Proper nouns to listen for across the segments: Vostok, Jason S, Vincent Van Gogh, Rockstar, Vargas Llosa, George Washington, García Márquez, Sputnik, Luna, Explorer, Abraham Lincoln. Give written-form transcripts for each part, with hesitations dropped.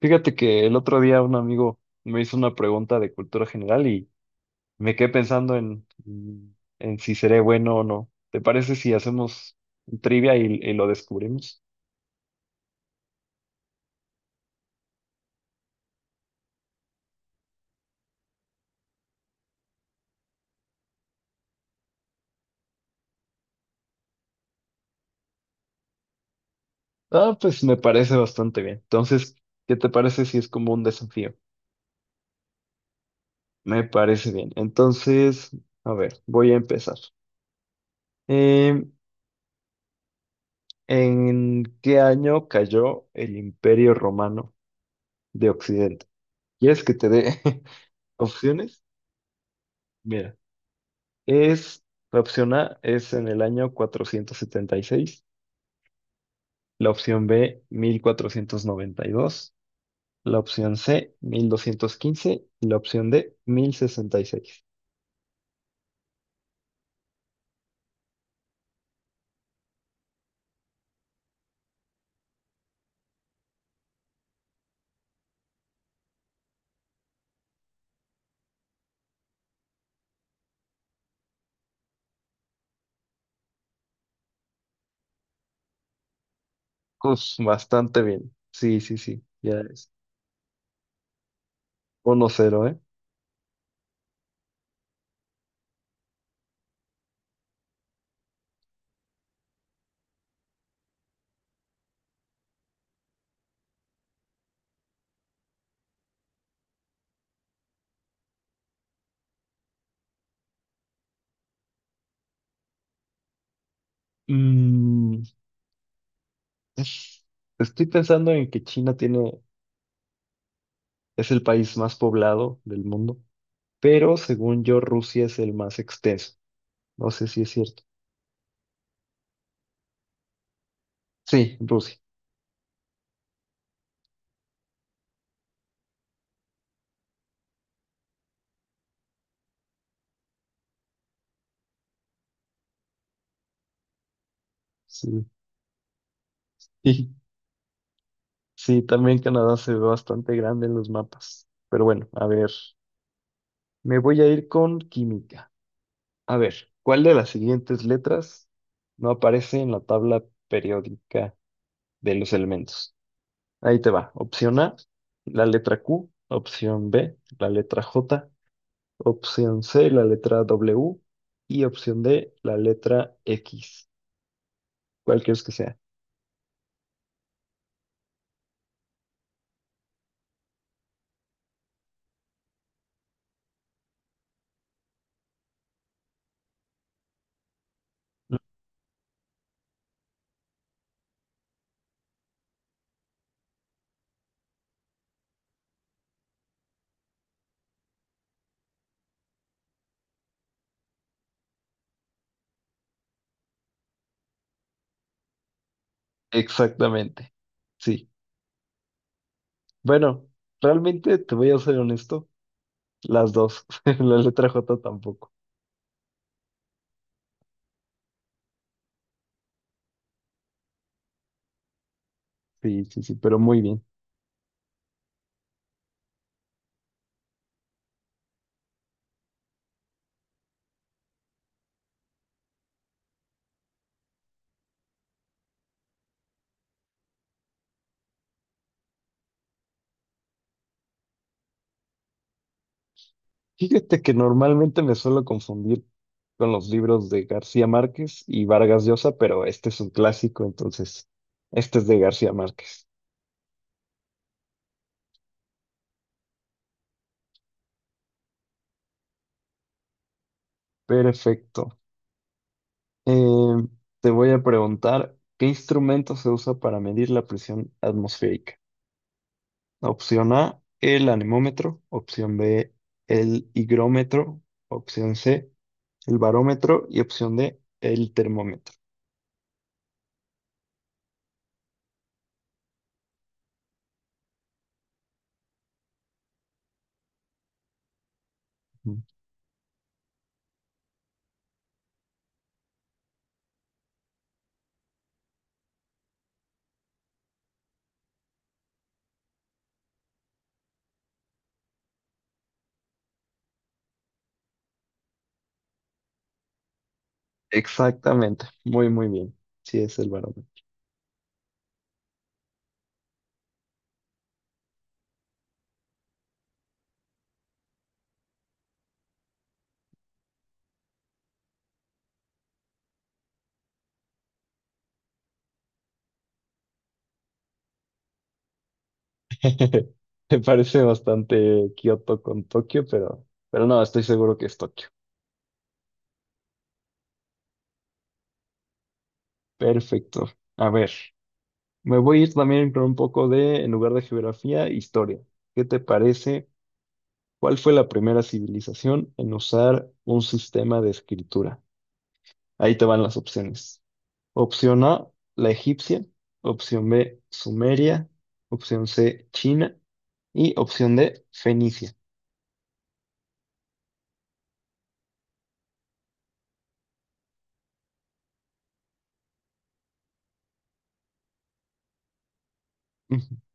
Fíjate que el otro día un amigo me hizo una pregunta de cultura general y me quedé pensando en si seré bueno o no. ¿Te parece si hacemos un trivia y lo descubrimos? Ah, pues me parece bastante bien. Entonces, ¿qué te parece si es como un desafío? Me parece bien. Entonces, a ver, voy a empezar. Eh, ¿En qué año cayó el Imperio Romano de Occidente? ¿Quieres que te dé opciones? Mira. Es, la opción A es en el año 476, la opción B 1492, la opción C 1215 y la opción D 1066. Pues bastante bien. Sí, sí, sí, ya es uno cero, ¿eh? Mm, es- estoy pensando en que China tiene, es el país más poblado del mundo, pero según yo Rusia es el más extenso. No sé si es cierto. Sí, Rusia. Sí. Sí, también Canadá se ve bastante grande en los mapas. Pero bueno, a ver, me voy a ir con química. A ver, ¿cuál de las siguientes letras no aparece en la tabla periódica de los elementos? Ahí te va. Opción A, la letra Q. Opción B, la letra J. Opción C, la letra W. Y opción D, la letra X. ¿Cuál crees que sea? Exactamente, sí. Bueno, realmente te voy a ser honesto. Las dos. La letra J tampoco. Sí, sí, sí, pero muy bien. Fíjate que normalmente me suelo confundir con los libros de García Márquez y Vargas Llosa, pero este es un clásico, entonces este es de García Márquez. Perfecto. Eh, te voy a preguntar, ¿qué instrumento se usa para medir la presión atmosférica? Opción A, el anemómetro. Opción B, el higrómetro. Opción C, el barómetro. Y opción D, el termómetro. Exactamente, muy muy bien. Sí, es el varón. Me parece bastante Kioto con Tokio, pero no, estoy seguro que es Tokio. Perfecto. A ver, me voy a ir también con un poco de, en lugar de geografía, historia. ¿Qué te parece? ¿Cuál fue la primera civilización en usar un sistema de escritura? Ahí te van las opciones. Opción A, la egipcia. Opción B, Sumeria. Opción C, China. Y opción D, Fenicia.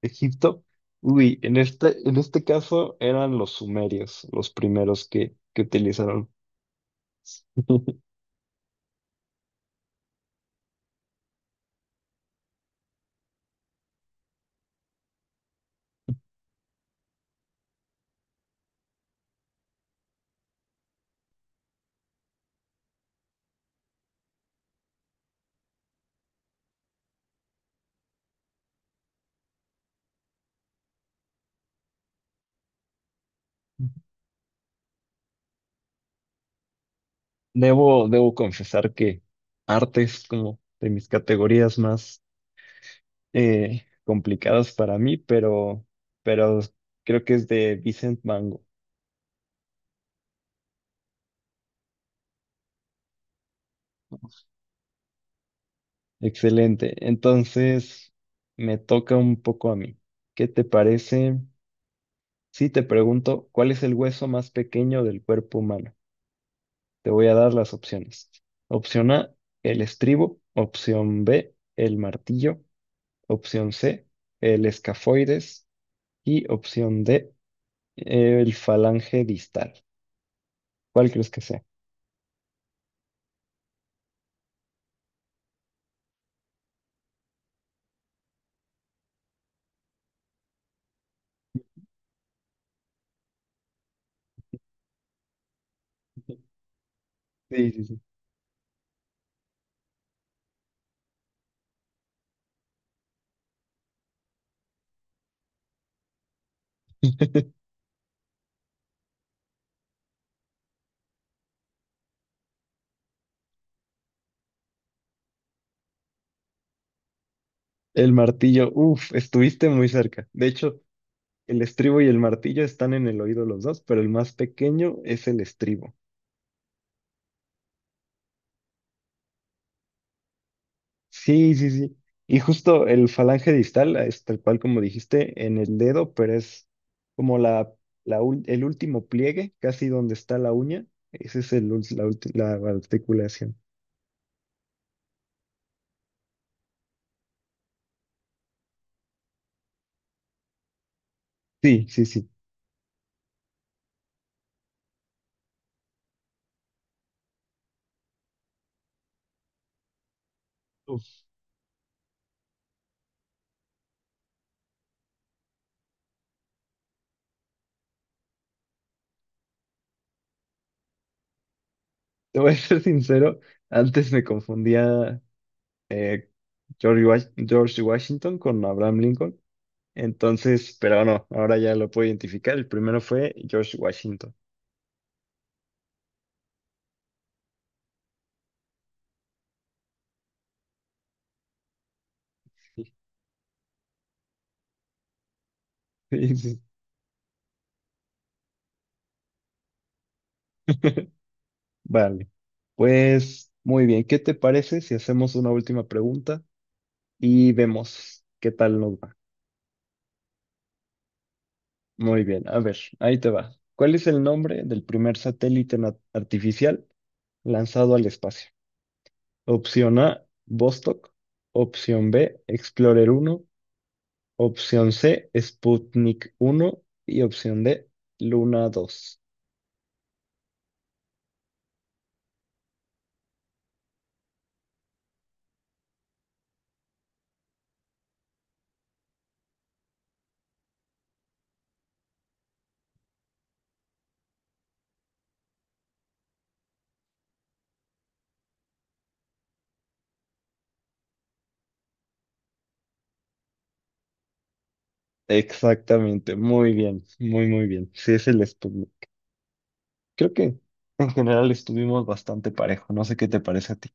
Egipto. Uy, en este caso eran los sumerios los primeros que utilizaron. Debo confesar que arte es como de mis categorías más complicadas para mí, pero creo que es de Vincent Van Gogh. Excelente. Entonces, me toca un poco a mí. ¿Qué te parece si te pregunto cuál es el hueso más pequeño del cuerpo humano? Te voy a dar las opciones. Opción A, el estribo. Opción B, el martillo. Opción C, el escafoides. Y opción D, el falange distal. ¿Cuál crees que sea? Sí, sí, sí. El martillo, uff, estuviste muy cerca. De hecho, el estribo y el martillo están en el oído los dos, pero el más pequeño es el estribo. Sí, sí, sí. Y justo el falange distal es tal cual como dijiste en el dedo, pero es como el último pliegue, casi donde está la uña. Esa es el, ul- la, ulti- la articulación. Sí, sí, sí. Uf, te voy a ser sincero, antes me confundía eh, George Washington con Abraham Lincoln. Entonces, pero no, ahora ya lo puedo identificar. El primero fue George Washington. Sí, sí. Vale, pues muy bien, ¿qué te parece si hacemos una última pregunta y vemos qué tal nos va? Muy bien, a ver, ahí te va. ¿Cuál es el nombre del primer satélite artificial lanzado al espacio? Opción A, Vostok. Opción B, Explorer 1. Opción C, Sputnik 1. Y opción D, Luna 2. Exactamente, muy bien, muy, muy bien. Sí, es el Sputnik. Creo que en general estuvimos bastante parejo, no sé qué te parece a ti.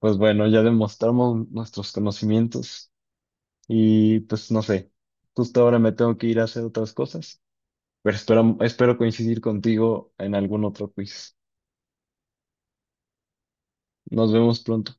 Pues bueno, ya demostramos nuestros conocimientos y pues no sé, justo ahora me tengo que ir a hacer otras cosas, pero espero coincidir contigo en algún otro quiz. Nos vemos pronto.